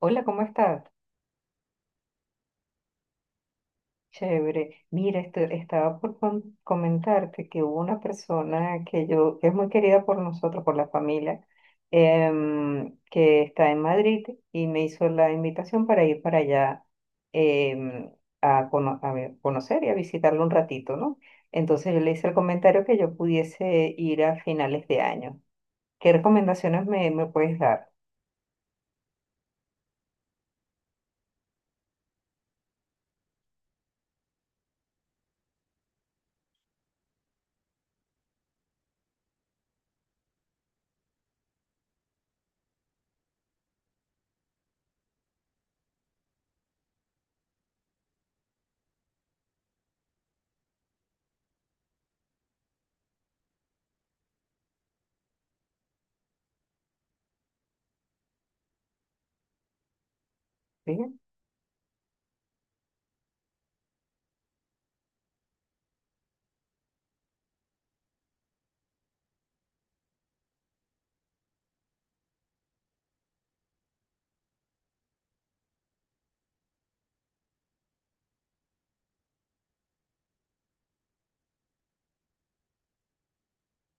Hola, ¿cómo estás? Chévere. Mira, estaba por comentarte que hubo una persona que yo, que es muy querida por nosotros, por la familia, que está en Madrid y me hizo la invitación para ir para allá em, a conocer y a visitarlo un ratito, ¿no? Entonces yo le hice el comentario que yo pudiese ir a finales de año. ¿Qué recomendaciones me puedes dar? ¿Sí?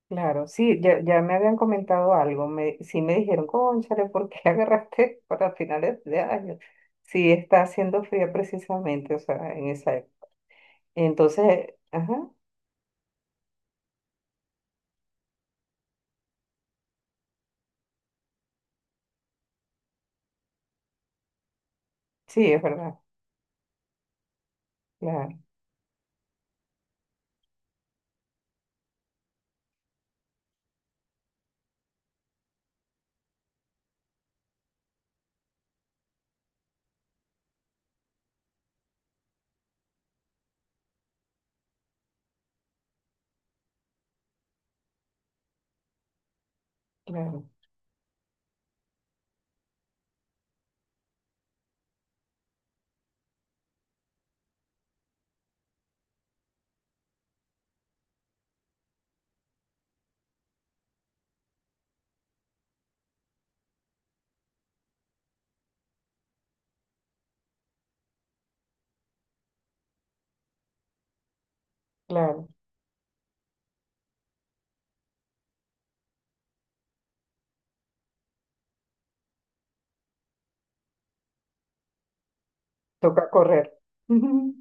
Claro, sí, ya, ya me habían comentado algo, sí me dijeron, cónchale, ¿por qué agarraste para finales de año? Sí, está haciendo frío precisamente, o sea, en esa época. Entonces, ajá, sí, es verdad, claro, claro, claro, toca correr. Ujú,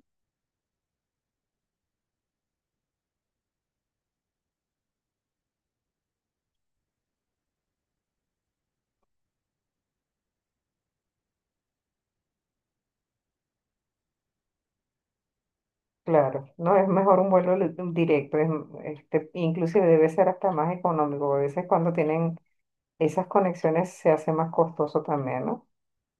claro, no, es mejor un vuelo directo, es, inclusive debe ser hasta más económico, a veces cuando tienen esas conexiones se hace más costoso también, ¿no?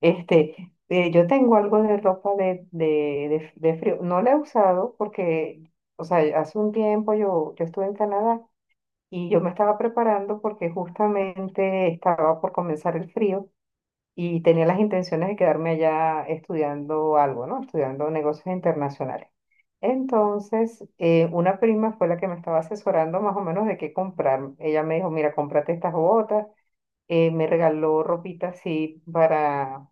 Yo tengo algo de ropa de frío. No la he usado porque, o sea, hace un tiempo yo estuve en Canadá y yo me estaba preparando porque justamente estaba por comenzar el frío y tenía las intenciones de quedarme allá estudiando algo, ¿no? Estudiando negocios internacionales. Entonces, una prima fue la que me estaba asesorando más o menos de qué comprar. Ella me dijo, mira, cómprate estas botas. Me regaló ropita así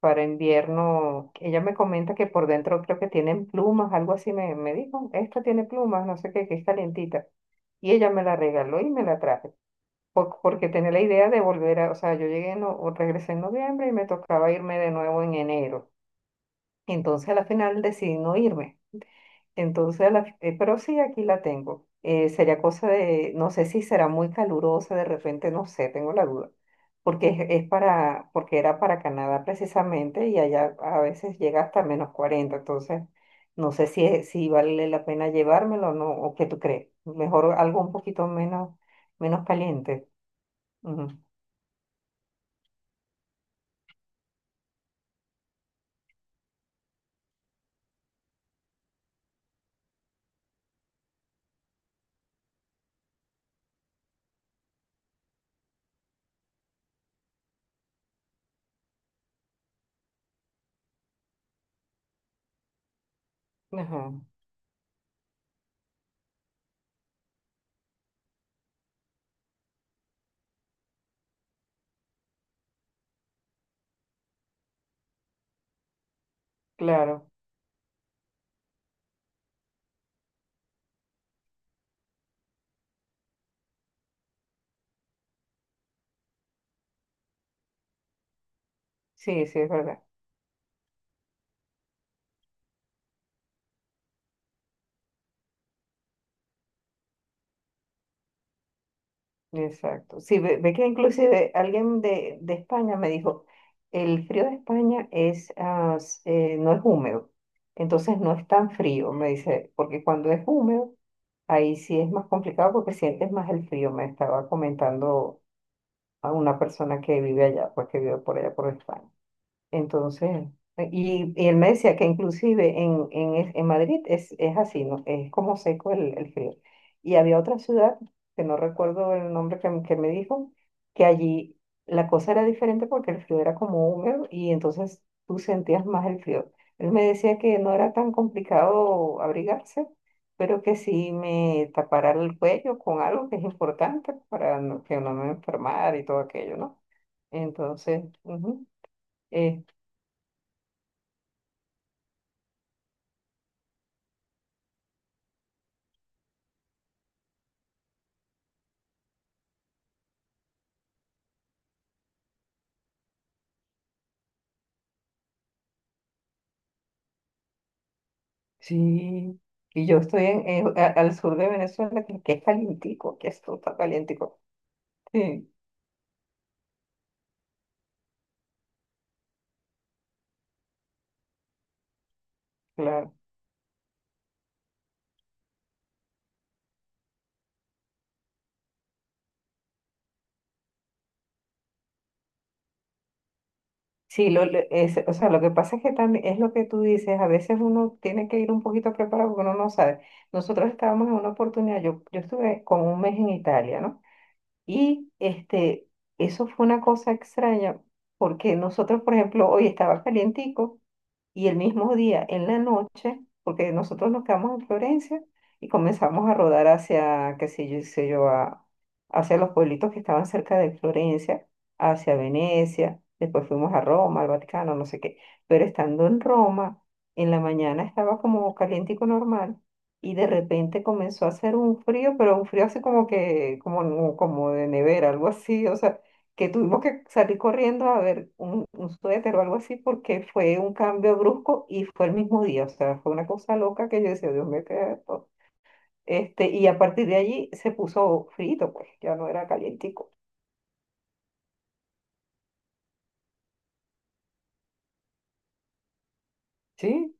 para invierno. Ella me comenta que por dentro creo que tienen plumas, algo así me dijo. Esta tiene plumas, no sé qué, que es calientita. Y ella me la regaló y me la traje. Porque tenía la idea de volver a, o sea, yo llegué, en no, o regresé en noviembre y me tocaba irme de nuevo en enero. Entonces a la final decidí no irme. Entonces, pero sí, aquí la tengo. Sería cosa de, no sé si será muy calurosa, de repente, no sé, tengo la duda. Porque es para, porque era para Canadá precisamente y allá a veces llega hasta -40. Entonces, no sé si, si vale la pena llevármelo o no, o qué tú crees. Mejor algo un poquito menos, menos caliente. Ujú. Ajá, claro, sí, sí, es verdad. Exacto. Sí, ve, que inclusive alguien de España me dijo, el frío de España es, ah, no es húmedo, entonces no es tan frío, me dice, porque cuando es húmedo, ahí sí es más complicado porque sientes más el frío, me estaba comentando a una persona que vive allá, pues que vive por allá por España. Entonces, y él me decía que inclusive en Madrid es así, ¿no? Es como seco el frío. Y había otra ciudad, que no recuerdo el nombre que me dijo, que allí la cosa era diferente porque el frío era como húmedo y entonces tú sentías más el frío. Él me decía que no era tan complicado abrigarse, pero que sí me tapara el cuello con algo que es importante para que no me enfermara y todo aquello, ¿no? Entonces, ujú. eh, Sí y yo estoy al sur de Venezuela, que es calientico, que esto está calientico. Sí, claro. Sí, o sea, lo que pasa es que también es lo que tú dices, a veces uno tiene que ir un poquito preparado porque uno no sabe. Nosotros estábamos en una oportunidad, yo estuve como un mes en Italia, ¿no? Y eso fue una cosa extraña, porque nosotros, por ejemplo, hoy estaba calientico. Y el mismo día, en la noche, porque nosotros nos quedamos en Florencia y comenzamos a rodar hacia, qué sé yo, hacia los pueblitos que estaban cerca de Florencia, hacia Venecia, después fuimos a Roma, al Vaticano, no sé qué. Pero estando en Roma, en la mañana estaba como calientico normal y de repente comenzó a hacer un frío, pero un frío así como que, como, de nevera, algo así, o sea, que tuvimos que salir corriendo a ver un, suéter o algo así porque fue un cambio brusco y fue el mismo día, o sea, fue una cosa loca que yo decía, Dios mío, ¿qué es esto?". Y a partir de allí se puso frito, pues ya no era calientico. Sí,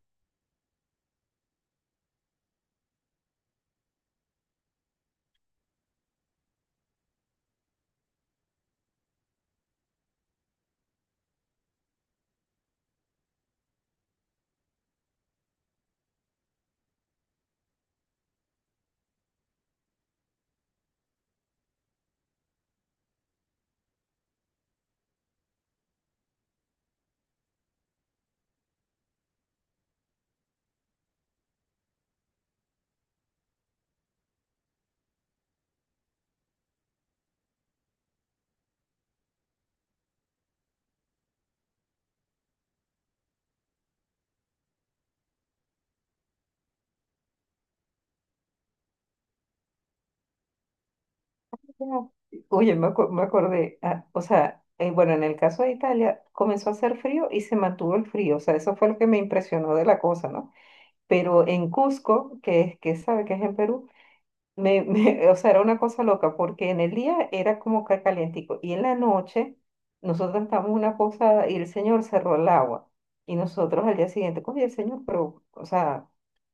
ya. Oye, me acordé, ah, o sea, bueno, en el caso de Italia comenzó a hacer frío y se mantuvo el frío, o sea, eso fue lo que me impresionó de la cosa, ¿no? Pero en Cusco, que es, que sabe que es en Perú. O sea, era una cosa loca, porque en el día era como que calientico, y en la noche nosotros estábamos una cosa, y el señor cerró el agua, y nosotros al día siguiente, oye, el señor, pero, o sea,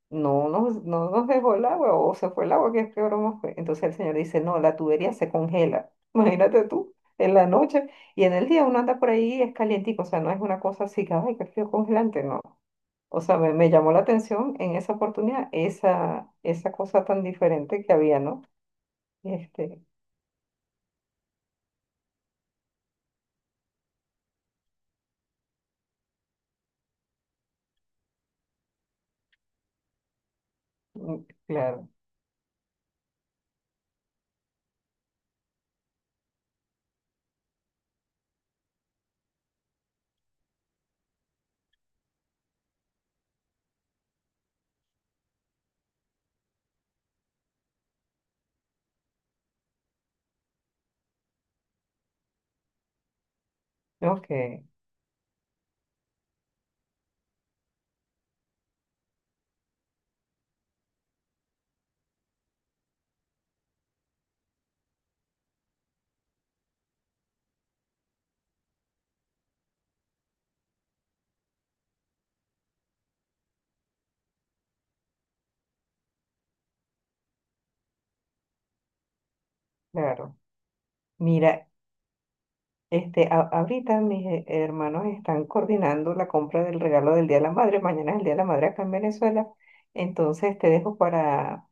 no nos dejó el agua, o se fue el agua, ¿que qué broma fue? Entonces el señor dice, no, la tubería se congela, imagínate tú, en la noche, y en el día uno anda por ahí, y es calientico, o sea, no es una cosa así, que, ay, qué frío congelante, no. O sea, me llamó la atención en esa oportunidad esa, cosa tan diferente que había, ¿no? Este, mm, claro, ok, claro. Mira, ahorita mis hermanos están coordinando la compra del regalo del Día de la Madre. Mañana es el Día de la Madre acá en Venezuela. Entonces te dejo para,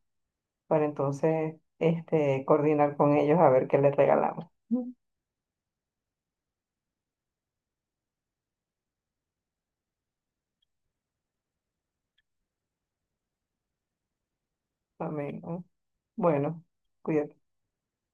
entonces coordinar con ellos a ver qué les regalamos. Mm. Amén. ¿No? Bueno, cuídate.